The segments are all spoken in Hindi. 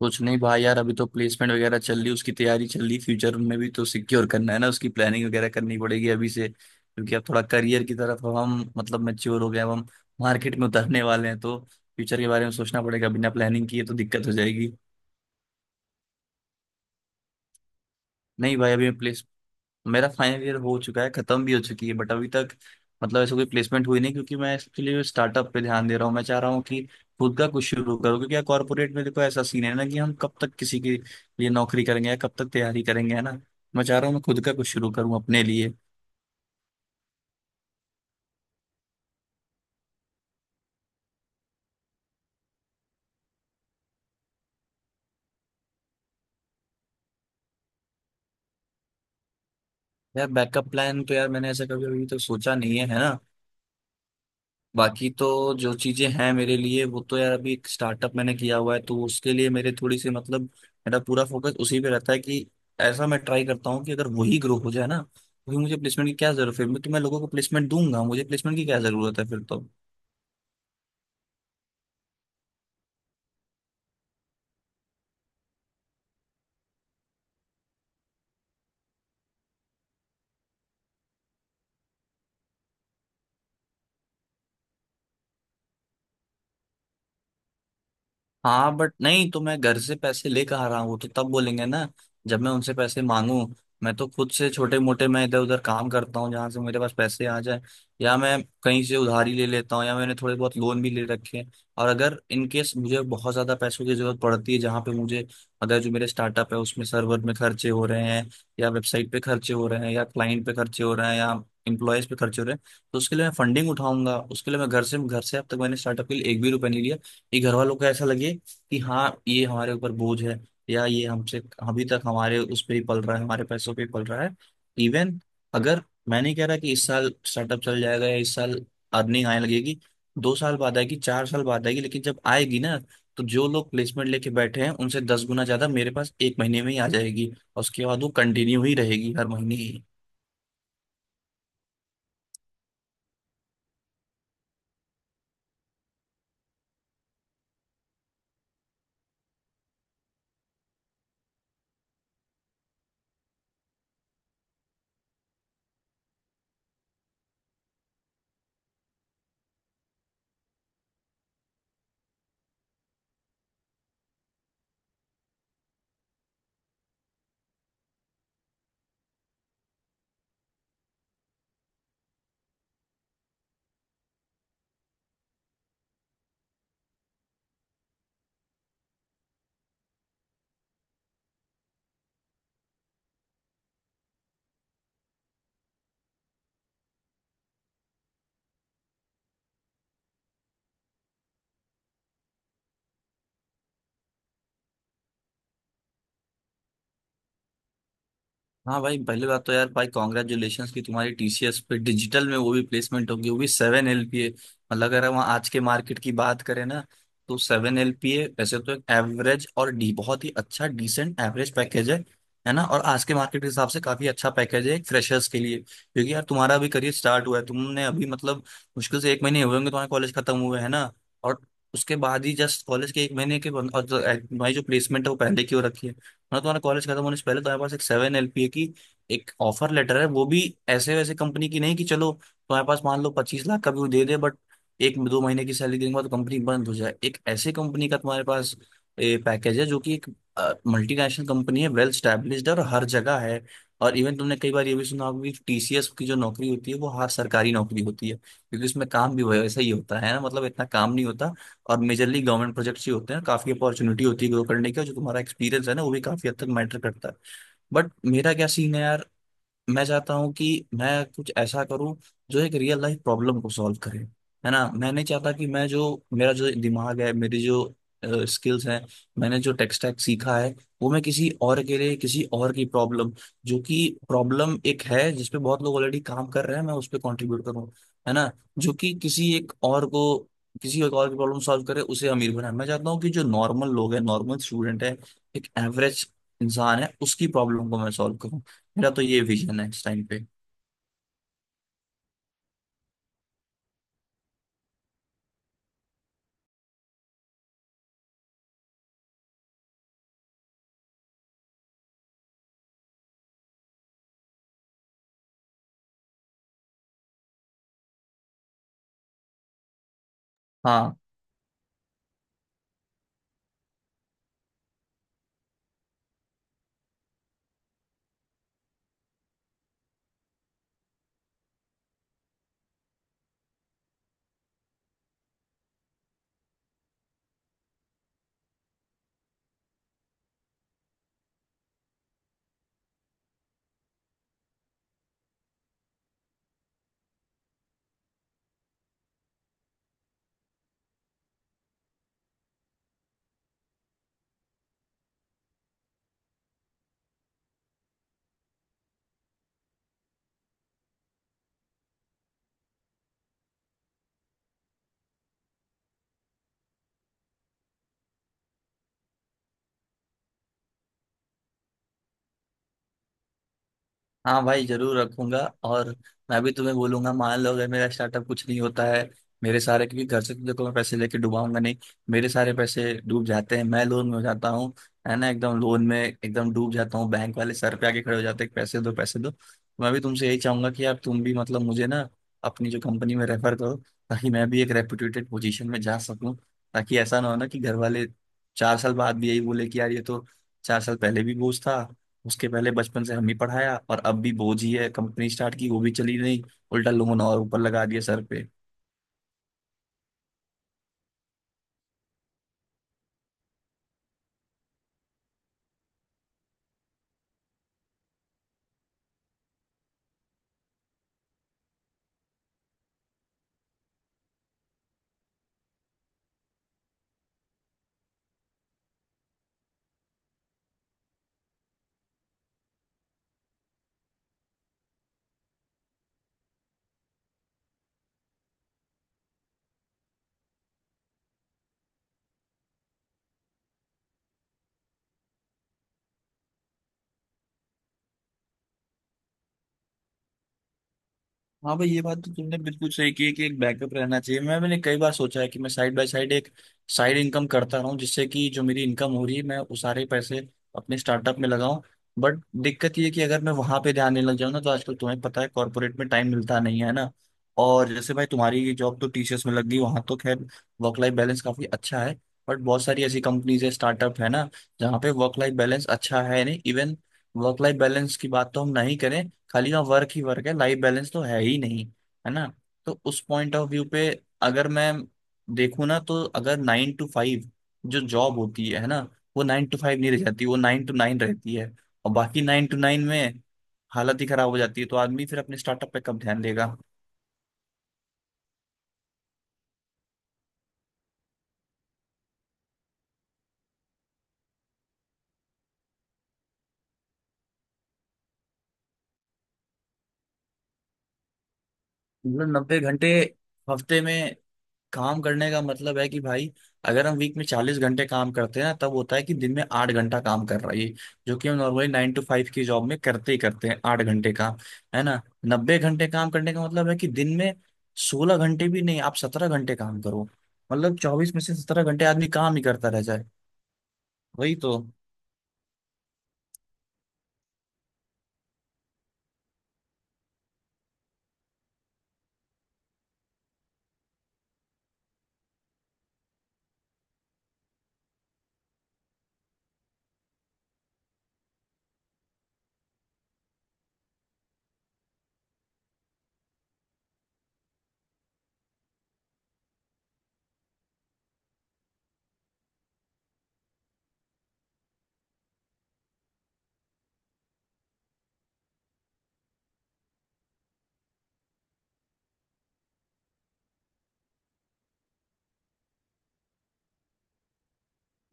कुछ नहीं भाई यार। अभी तो प्लेसमेंट वगैरह चल रही, उसकी तैयारी चल रही। फ्यूचर में भी तो सिक्योर करना है ना, उसकी प्लानिंग वगैरह करनी पड़ेगी अभी से, क्योंकि अब थोड़ा करियर की तरफ अब हम मतलब मैच्योर हो गए, अब हम मार्केट में उतरने वाले हैं, तो फ्यूचर के बारे में सोचना पड़ेगा। बिना प्लानिंग किए तो दिक्कत हो जाएगी। नहीं भाई। अभी मैं मेरा फाइनल ईयर हो चुका है, खत्म भी हो चुकी है, बट अभी तक मतलब ऐसा कोई प्लेसमेंट हुई नहीं, क्योंकि मैं इसके लिए स्टार्टअप पे ध्यान दे रहा हूँ। मैं चाह रहा हूँ कि खुद का कुछ शुरू करूँ, क्योंकि यार कॉर्पोरेट में देखो ऐसा सीन है ना कि हम कब तक किसी के लिए नौकरी करेंगे या कब तक तैयारी करेंगे, है ना। मैं चाह रहा हूँ मैं खुद का कुछ शुरू करूँ अपने लिए। यार बैकअप प्लान तो यार मैंने ऐसा कभी अभी तो सोचा नहीं है, है ना। बाकी तो जो चीजें हैं मेरे लिए, वो तो यार अभी एक स्टार्टअप मैंने किया हुआ है, तो उसके लिए मेरे थोड़ी सी मतलब मेरा पूरा फोकस उसी पे रहता है कि ऐसा मैं ट्राई करता हूँ कि अगर वही ग्रो हो जाए ना तो फिर मुझे प्लेसमेंट की क्या जरूरत है। फिर मैं लोगों को प्लेसमेंट दूंगा, मुझे प्लेसमेंट की क्या जरूरत है फिर तो। हाँ बट नहीं, तो मैं घर से पैसे लेकर आ रहा हूँ वो तो तब बोलेंगे ना जब मैं उनसे पैसे मांगू। मैं तो खुद से छोटे मोटे मैं इधर उधर काम करता हूँ जहाँ से मेरे पास पैसे आ जाए, या मैं कहीं से उधारी ले लेता हूँ, या मैंने थोड़े बहुत लोन भी ले रखे हैं। और अगर इन केस मुझे बहुत ज्यादा पैसों की जरूरत पड़ती है, जहाँ पे मुझे अगर जो मेरे स्टार्टअप है उसमें सर्वर में खर्चे हो रहे हैं, या वेबसाइट पे खर्चे हो रहे हैं, या क्लाइंट पे खर्चे हो रहे हैं, या एम्प्लॉयज पे खर्चे हो रहे हैं, तो उसके लिए मैं फंडिंग उठाऊंगा। उसके लिए मैं घर से अब तक मैंने स्टार्टअप के लिए एक भी रुपया नहीं लिया। ये घर वालों को ऐसा लगे कि हाँ ये हमारे ऊपर बोझ है, या ये हमसे अभी तक हमारे उस पर ही पल रहा है, हमारे पैसों पे ही पल रहा है। इवन अगर, मैं नहीं कह रहा कि इस साल स्टार्टअप चल जाएगा या इस साल अर्निंग आने लगेगी। 2 साल बाद आएगी, 4 साल बाद आएगी, लेकिन जब आएगी ना, तो जो लोग प्लेसमेंट लेके बैठे हैं उनसे 10 गुना ज्यादा मेरे पास 1 महीने में ही आ जाएगी, और उसके बाद वो कंटिन्यू ही रहेगी हर महीने। हाँ भाई, पहली बात तो यार भाई कॉन्ग्रेचुलेशन की तुम्हारी टीसीएस पे डिजिटल में वो भी प्लेसमेंट होगी, वो भी 7 LPA। मतलब अगर हम आज के मार्केट की बात करें ना, तो 7 LPA वैसे तो एक एवरेज और डी बहुत ही अच्छा डिसेंट एवरेज पैकेज है ना। और आज के मार्केट के हिसाब से काफी अच्छा पैकेज है फ्रेशर्स के लिए, क्योंकि यार तुम्हारा अभी करियर स्टार्ट हुआ है, तुमने अभी मतलब मुश्किल से 1 महीने हुए होंगे तुम्हारे कॉलेज खत्म हुए, है ना। और उसके बाद ही जस्ट कॉलेज के 1 महीने के तुम्हारी जो प्लेसमेंट है वो पहले की हो रखी है। मतलब तुम्हारा कॉलेज खत्म होने से पहले तुम्हारे पास एक 7 LPA की एक ऑफर लेटर है, वो भी ऐसे वैसे कंपनी की नहीं कि चलो तुम्हारे पास मान लो 25 लाख का भी वो दे दे बट एक दो महीने की सैलरी देने के बाद तो कंपनी बंद हो जाए। एक ऐसे कंपनी का तुम्हारे पास पैकेज है जो कि एक मल्टीनेशनल कंपनी है, वेल स्टैब्लिश्ड है, और हर जगह है। और इवन तुमने कई बार ये भी सुना होगा कि टीसीएस की जो नौकरी होती है वो हर सरकारी नौकरी होती है, क्योंकि उसमें काम भी वैसा ही होता है ना, मतलब इतना काम नहीं होता। और मेजरली गवर्नमेंट प्रोजेक्ट्स ही होते हैं, काफी अपॉर्चुनिटी होती है ग्रो करने की, और जो तुम्हारा एक्सपीरियंस है ना वो भी काफी हद तक मैटर करता है। बट मेरा क्या सीन है यार, मैं चाहता हूँ कि मैं कुछ ऐसा करूँ जो एक रियल लाइफ प्रॉब्लम को सॉल्व करे, है ना। मैं नहीं चाहता कि मैं जो मेरा जो दिमाग है, मेरी जो स्किल्स हैं, मैंने जो टेक स्टैक सीखा है, वो मैं किसी और के लिए, किसी और की प्रॉब्लम, जो कि प्रॉब्लम एक है जिसपे बहुत लोग ऑलरेडी काम कर रहे हैं, मैं उस पर कॉन्ट्रीब्यूट करूँ, है ना। जो कि किसी एक और को, किसी एक और की प्रॉब्लम सॉल्व करे, उसे अमीर बनाए। मैं चाहता हूँ कि जो नॉर्मल लोग हैं, नॉर्मल स्टूडेंट है, एक एवरेज इंसान है, उसकी प्रॉब्लम को मैं सॉल्व करूँ। मेरा तो ये विजन है इस टाइम पे। हाँ हाँ भाई, जरूर रखूंगा। और मैं भी तुम्हें बोलूंगा, मान लो अगर मेरा स्टार्टअप कुछ नहीं होता है, मेरे सारे, क्योंकि घर से तो देखो मैं पैसे लेके डुबाऊंगा नहीं, मेरे सारे पैसे डूब जाते हैं, मैं लोन में हो जाता हूँ, है ना, एकदम लोन में एकदम डूब जाता हूँ, बैंक वाले सर पे आके खड़े हो जाते हैं पैसे दो पैसे दो, तो मैं भी तुमसे यही चाहूंगा कि यार तुम भी मतलब मुझे ना अपनी जो कंपनी में रेफर करो, ताकि मैं भी एक रेपुटेटेड पोजीशन में जा सकूँ। ताकि ऐसा ना हो ना कि घर वाले 4 साल बाद भी यही बोले कि यार ये तो 4 साल पहले भी बोझ था, उसके पहले बचपन से हम ही पढ़ाया, और अब भी बोझ ही है, कंपनी स्टार्ट की वो भी चली नहीं, उल्टा लोन और ऊपर लगा दिया सर। हाँ भाई, ये बात तो तुमने बिल्कुल सही की है कि एक बैकअप रहना चाहिए। मैंने कई बार सोचा है कि मैं साइड बाय साइड एक साइड इनकम करता रहूं जिससे कि जो मेरी इनकम हो रही है मैं उस सारे पैसे अपने स्टार्टअप में लगाऊं। बट दिक्कत ये है कि अगर मैं वहां पे ध्यान देने लग जाऊं ना तो आजकल तुम्हें पता है कॉर्पोरेट में टाइम मिलता नहीं है ना। और जैसे भाई तुम्हारी जॉब तो टीसीएस में लग गई वहां तो खैर वर्क लाइफ बैलेंस काफी अच्छा है, बट बहुत सारी ऐसी कंपनीज है स्टार्टअप है ना, जहाँ पे वर्क लाइफ बैलेंस अच्छा है नहीं। इवन वर्क लाइफ बैलेंस की बात तो हम नहीं करें, खाली का वर्क ही वर्क है, लाइफ बैलेंस तो है ही नहीं, है ना। तो उस पॉइंट ऑफ व्यू पे अगर मैं देखूँ ना, तो अगर 9 to 5 जो जॉब होती है ना, वो 9 to 5 नहीं रह जाती, वो 9 to 9 रहती है। और बाकी 9 to 9 में हालत ही खराब हो जाती है, तो आदमी फिर अपने स्टार्टअप पे कब ध्यान देगा। मतलब 90 घंटे हफ्ते में काम करने का मतलब है कि भाई अगर हम वीक में 40 घंटे काम करते हैं ना तब होता है कि दिन में 8 घंटा काम कर रहा है ये, जो कि हम नॉर्मली 9 to 5 की जॉब में करते ही करते हैं 8 घंटे काम, है ना। 90 घंटे काम करने का मतलब है कि दिन में 16 घंटे भी नहीं, आप 17 घंटे काम करो। मतलब 24 में से 17 घंटे आदमी काम ही करता रह जाए। वही तो।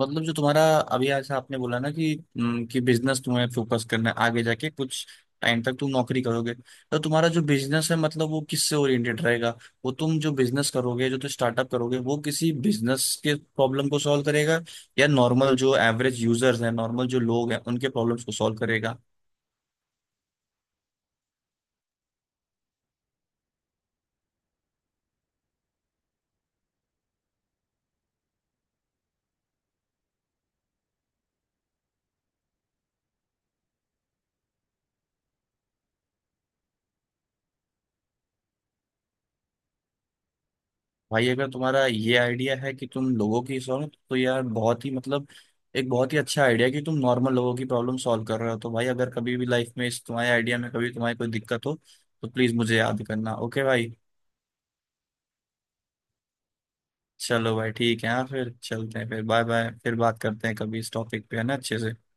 मतलब जो तुम्हारा अभी ऐसा आपने बोला ना कि बिजनेस तुम्हें फोकस करना है, आगे जाके कुछ टाइम तक तुम नौकरी करोगे, तो तुम्हारा जो बिजनेस है मतलब वो किससे ओरिएंटेड रहेगा। वो तुम जो बिजनेस करोगे, जो तुम स्टार्टअप करोगे, वो किसी बिजनेस के प्रॉब्लम को सॉल्व करेगा, या नॉर्मल जो एवरेज यूजर्स हैं, नॉर्मल जो लोग हैं, उनके प्रॉब्लम्स को सॉल्व करेगा। भाई अगर तुम्हारा ये आइडिया है कि तुम लोगों की सॉल्व, तो यार बहुत ही मतलब एक बहुत ही अच्छा आइडिया कि तुम नॉर्मल लोगों की प्रॉब्लम सॉल्व कर रहे हो, तो भाई अगर कभी भी लाइफ में इस तुम्हारे आइडिया में कभी तुम्हारी कोई दिक्कत हो, तो प्लीज मुझे याद करना, ओके भाई। चलो भाई ठीक है, हाँ फिर चलते हैं, फिर बाय बाय, फिर बात करते हैं कभी इस टॉपिक पे, है ना, अच्छे से।